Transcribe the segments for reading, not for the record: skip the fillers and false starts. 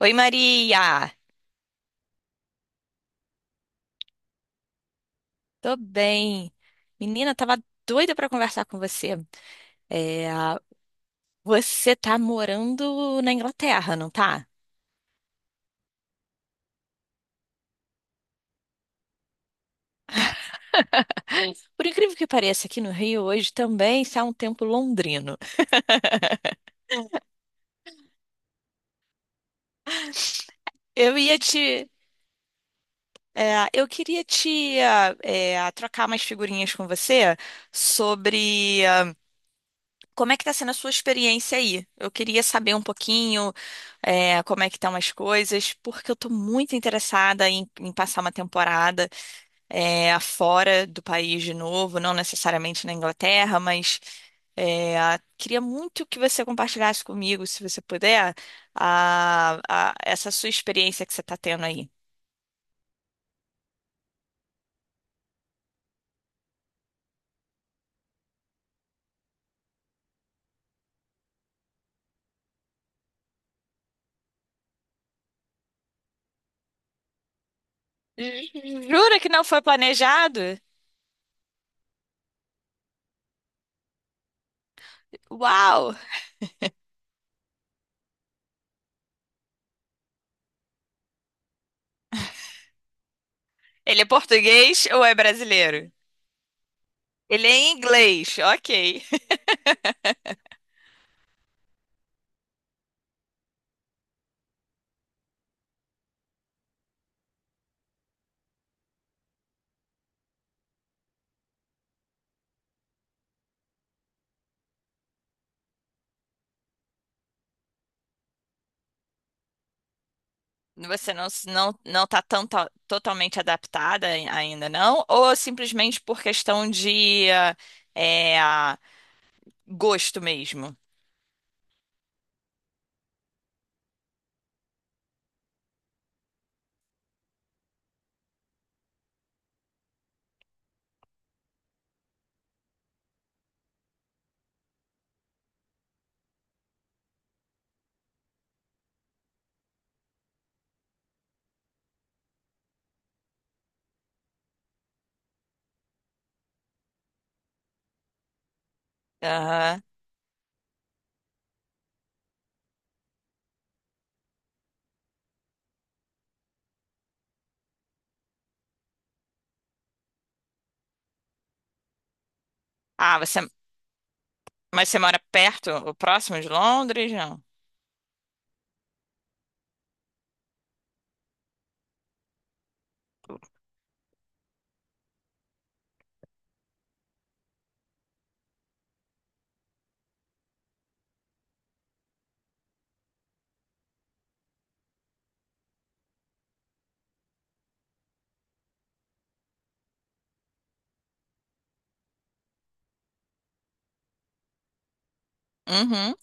Oi, Maria! Tô bem. Menina, tava doida pra conversar com você. É, Você tá morando na Inglaterra, não tá? Por incrível que pareça, aqui no Rio hoje também está um tempo londrino. Eu ia te. Eu queria te trocar umas figurinhas com você sobre como é que tá sendo a sua experiência aí. Eu queria saber um pouquinho como é que estão as coisas, porque eu tô muito interessada em passar uma temporada. Afora do país de novo, não necessariamente na Inglaterra, mas é, queria muito que você compartilhasse comigo, se você puder, essa sua experiência que você está tendo aí. Jura que não foi planejado? Uau! Ele é português ou é brasileiro? Ele é em inglês, ok. Você não tá totalmente adaptada ainda não? Ou simplesmente por questão de é, ah, gosto mesmo? Aham. Ah, você, mas você mora perto, o próximo de Londres? Não. Uhum.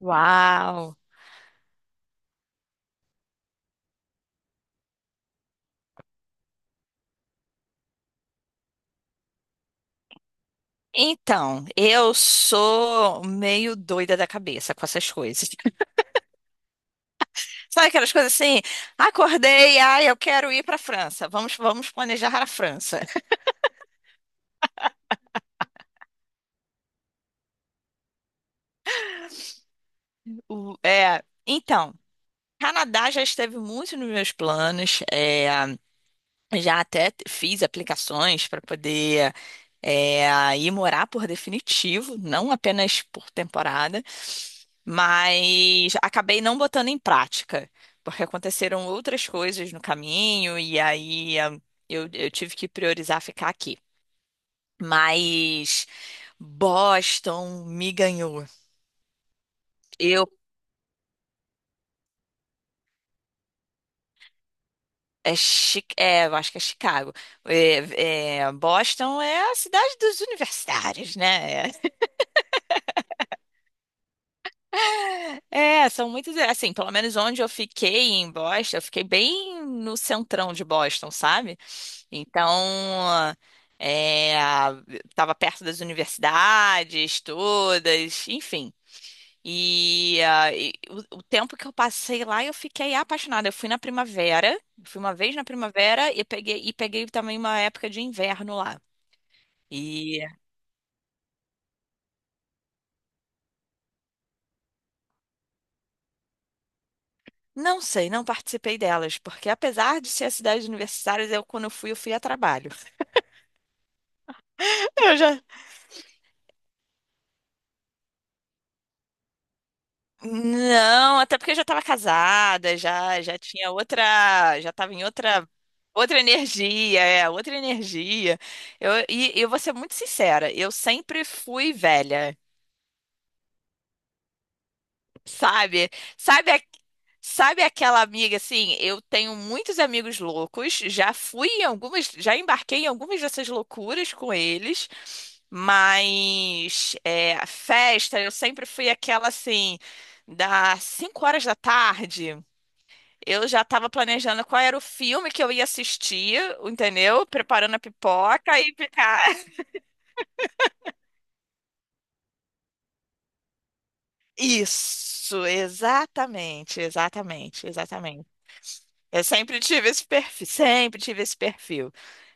Uau! Então, eu sou meio doida da cabeça com essas coisas. Sabe aquelas coisas assim? Acordei, ai, eu quero ir para a França. Vamos, vamos planejar a França. O- É, então, Canadá já esteve muito nos meus planos. Já até fiz aplicações para poder ir morar por definitivo, não apenas por temporada, mas acabei não botando em prática, porque aconteceram outras coisas no caminho e aí eu tive que priorizar ficar aqui. Mas Boston me ganhou. Eu eu acho que é Chicago. Boston é a cidade dos universitários, né? É, são muitos, assim, pelo menos onde eu fiquei em Boston, eu fiquei bem no centrão de Boston, sabe? Então, é, estava perto das universidades todas, enfim. E o tempo que eu passei lá, eu fiquei apaixonada. Eu fui na primavera, fui uma vez na primavera e peguei também uma época de inverno lá. E não sei, não participei delas, porque apesar de ser a cidade universitária, eu quando eu fui a trabalho. Eu já não, até porque eu já estava casada, já tinha outra, já estava em outra outra energia, outra energia. Eu e eu vou ser muito sincera, eu sempre fui velha, sabe? Sabe a- Sabe aquela amiga assim? Eu tenho muitos amigos loucos, já fui em algumas, já embarquei em algumas dessas loucuras com eles, mas a festa eu sempre fui aquela assim, das 5 horas da tarde. Eu já estava planejando qual era o filme que eu ia assistir, entendeu? Preparando a pipoca e ficar. Isso, exatamente, exatamente, exatamente. Eu sempre tive esse perfil, sempre tive esse perfil.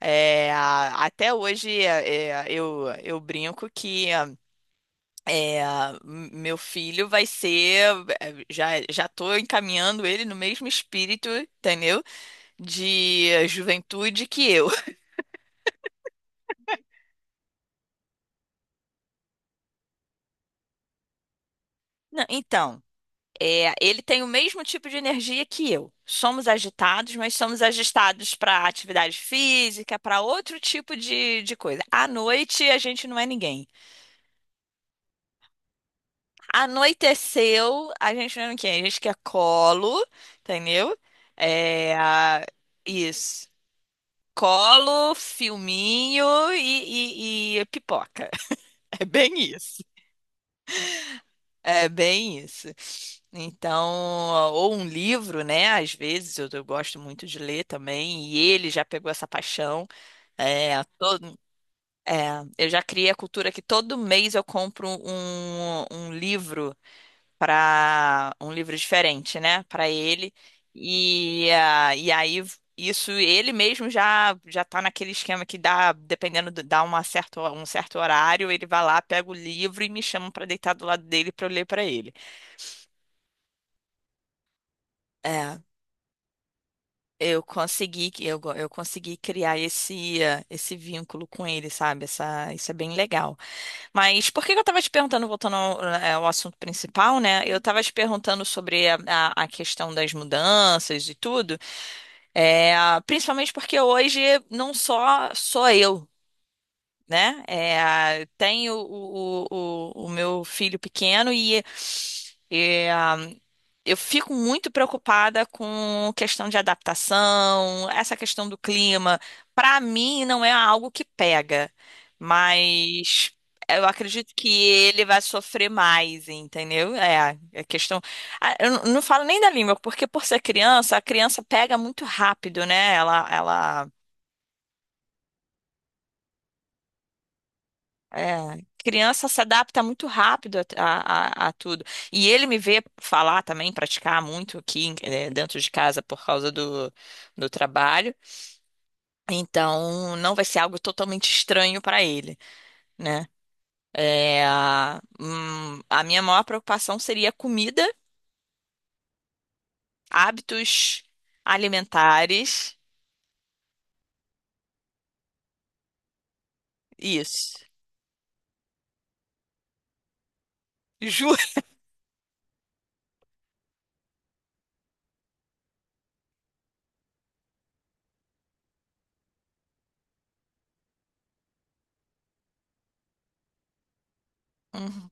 Até hoje eu brinco que meu filho vai ser. Já já estou encaminhando ele no mesmo espírito, entendeu? De juventude que eu. Não, então. É, ele tem o mesmo tipo de energia que eu. Somos agitados, mas somos agitados para atividade física, para outro tipo de coisa. À noite, a gente não é ninguém. Anoiteceu, a gente não é ninguém. A gente quer colo, entendeu? É, a- isso. Colo, filminho e pipoca. É bem isso. É bem isso. Então, ou um livro, né? Às vezes eu gosto muito de ler também, e ele já pegou essa paixão. É, todo, eu já criei a cultura que todo mês eu compro um livro para um livro diferente, né? Para ele. E aí isso ele mesmo já tá naquele esquema que dá, dependendo do, dá uma certa, um certo horário, ele vai lá, pega o livro e me chama para deitar do lado dele para eu ler para ele. É eu consegui, que- eu, go- Eu consegui criar esse vínculo com ele, sabe? Isso é bem legal. Mas por que que eu tava te perguntando, voltando ao assunto principal, né? Eu tava te perguntando sobre a questão das mudanças e tudo, é, principalmente porque hoje não só sou eu. Né? É, tenho o meu filho pequeno e, eh, eu fico muito preocupada com questão de adaptação, essa questão do clima. Para mim, não é algo que pega, mas eu acredito que ele vai sofrer mais, entendeu? É, é questão. Ah, eu não falo nem da língua, porque por ser criança, a criança pega muito rápido, né? Ela é, criança se adapta muito rápido a tudo. E ele me vê falar também, praticar muito aqui, dentro de casa por causa do trabalho. Então, não vai ser algo totalmente estranho para ele, né? É, a minha maior preocupação seria comida, hábitos alimentares. Isso. Juro. Uhum.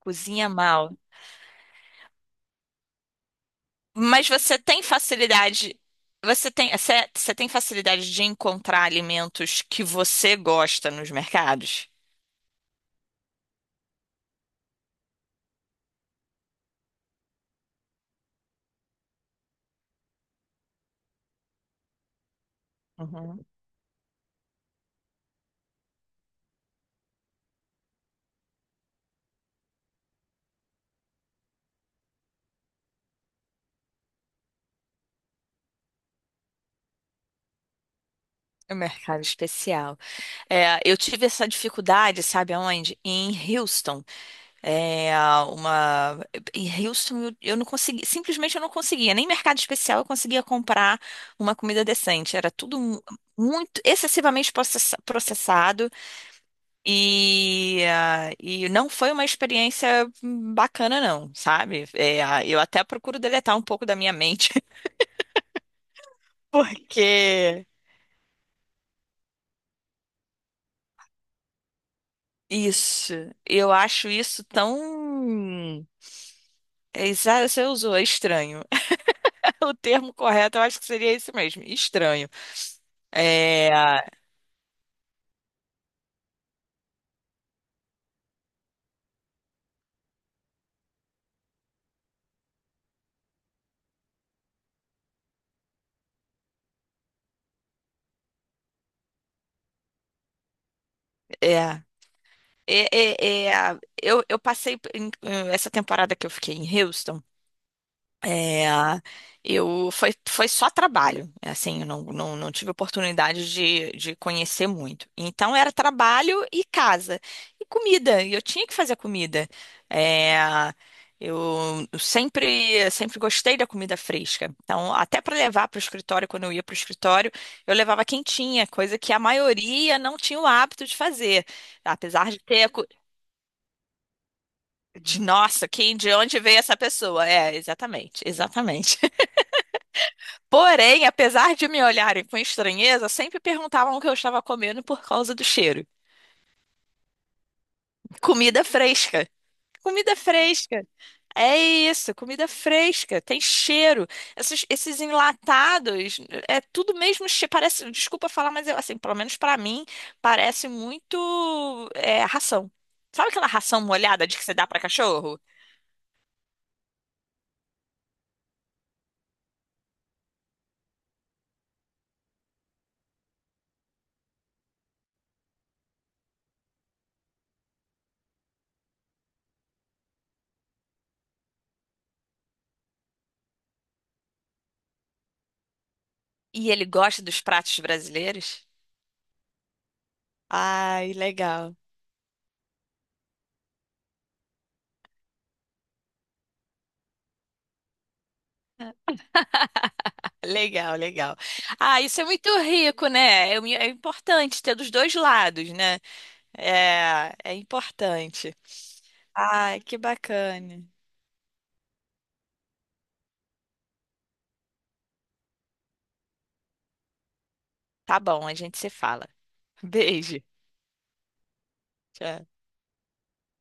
Cozinha mal. Mas você tem facilidade, você tem facilidade de encontrar alimentos que você gosta nos mercados? Uhum. No mercado especial. É, eu tive essa dificuldade, sabe aonde? Em Houston. É, uma... Em Houston eu não consegui, simplesmente eu não conseguia, nem mercado especial eu conseguia comprar uma comida decente. Era tudo muito excessivamente processado. E não foi uma experiência bacana, não, sabe? Eu até procuro deletar um pouco da minha mente, porque isso, eu acho isso tão. Você usou, é estranho. O termo correto, eu acho que seria esse mesmo, estranho. É, é, eu passei essa temporada que eu fiquei em Houston. É, eu Foi, foi só trabalho, assim, eu não, não, não tive oportunidade de conhecer muito. Então era trabalho e casa e comida. E eu tinha que fazer comida. É, eu sempre sempre gostei da comida fresca. Então até para levar para o escritório, quando eu ia para o escritório, eu levava quentinha, coisa que a maioria não tinha o hábito de fazer, apesar de ter a cu- de nossa, quem de onde veio essa pessoa? É, exatamente, exatamente. Porém, apesar de me olharem com estranheza, sempre perguntavam o que eu estava comendo por causa do cheiro. Comida fresca. Comida fresca. É isso, comida fresca, tem cheiro. Esses, esses enlatados, é tudo mesmo, parece, desculpa falar, mas eu, assim, pelo menos pra mim, parece muito ração. Sabe aquela ração molhada de que você dá pra cachorro? E ele gosta dos pratos brasileiros? Ai, legal. Legal, legal. Ah, isso é muito rico, né? É importante ter dos dois lados, né? É, é importante. Ai, que bacana. Tá bom, a gente se fala. Beijo. Tchau.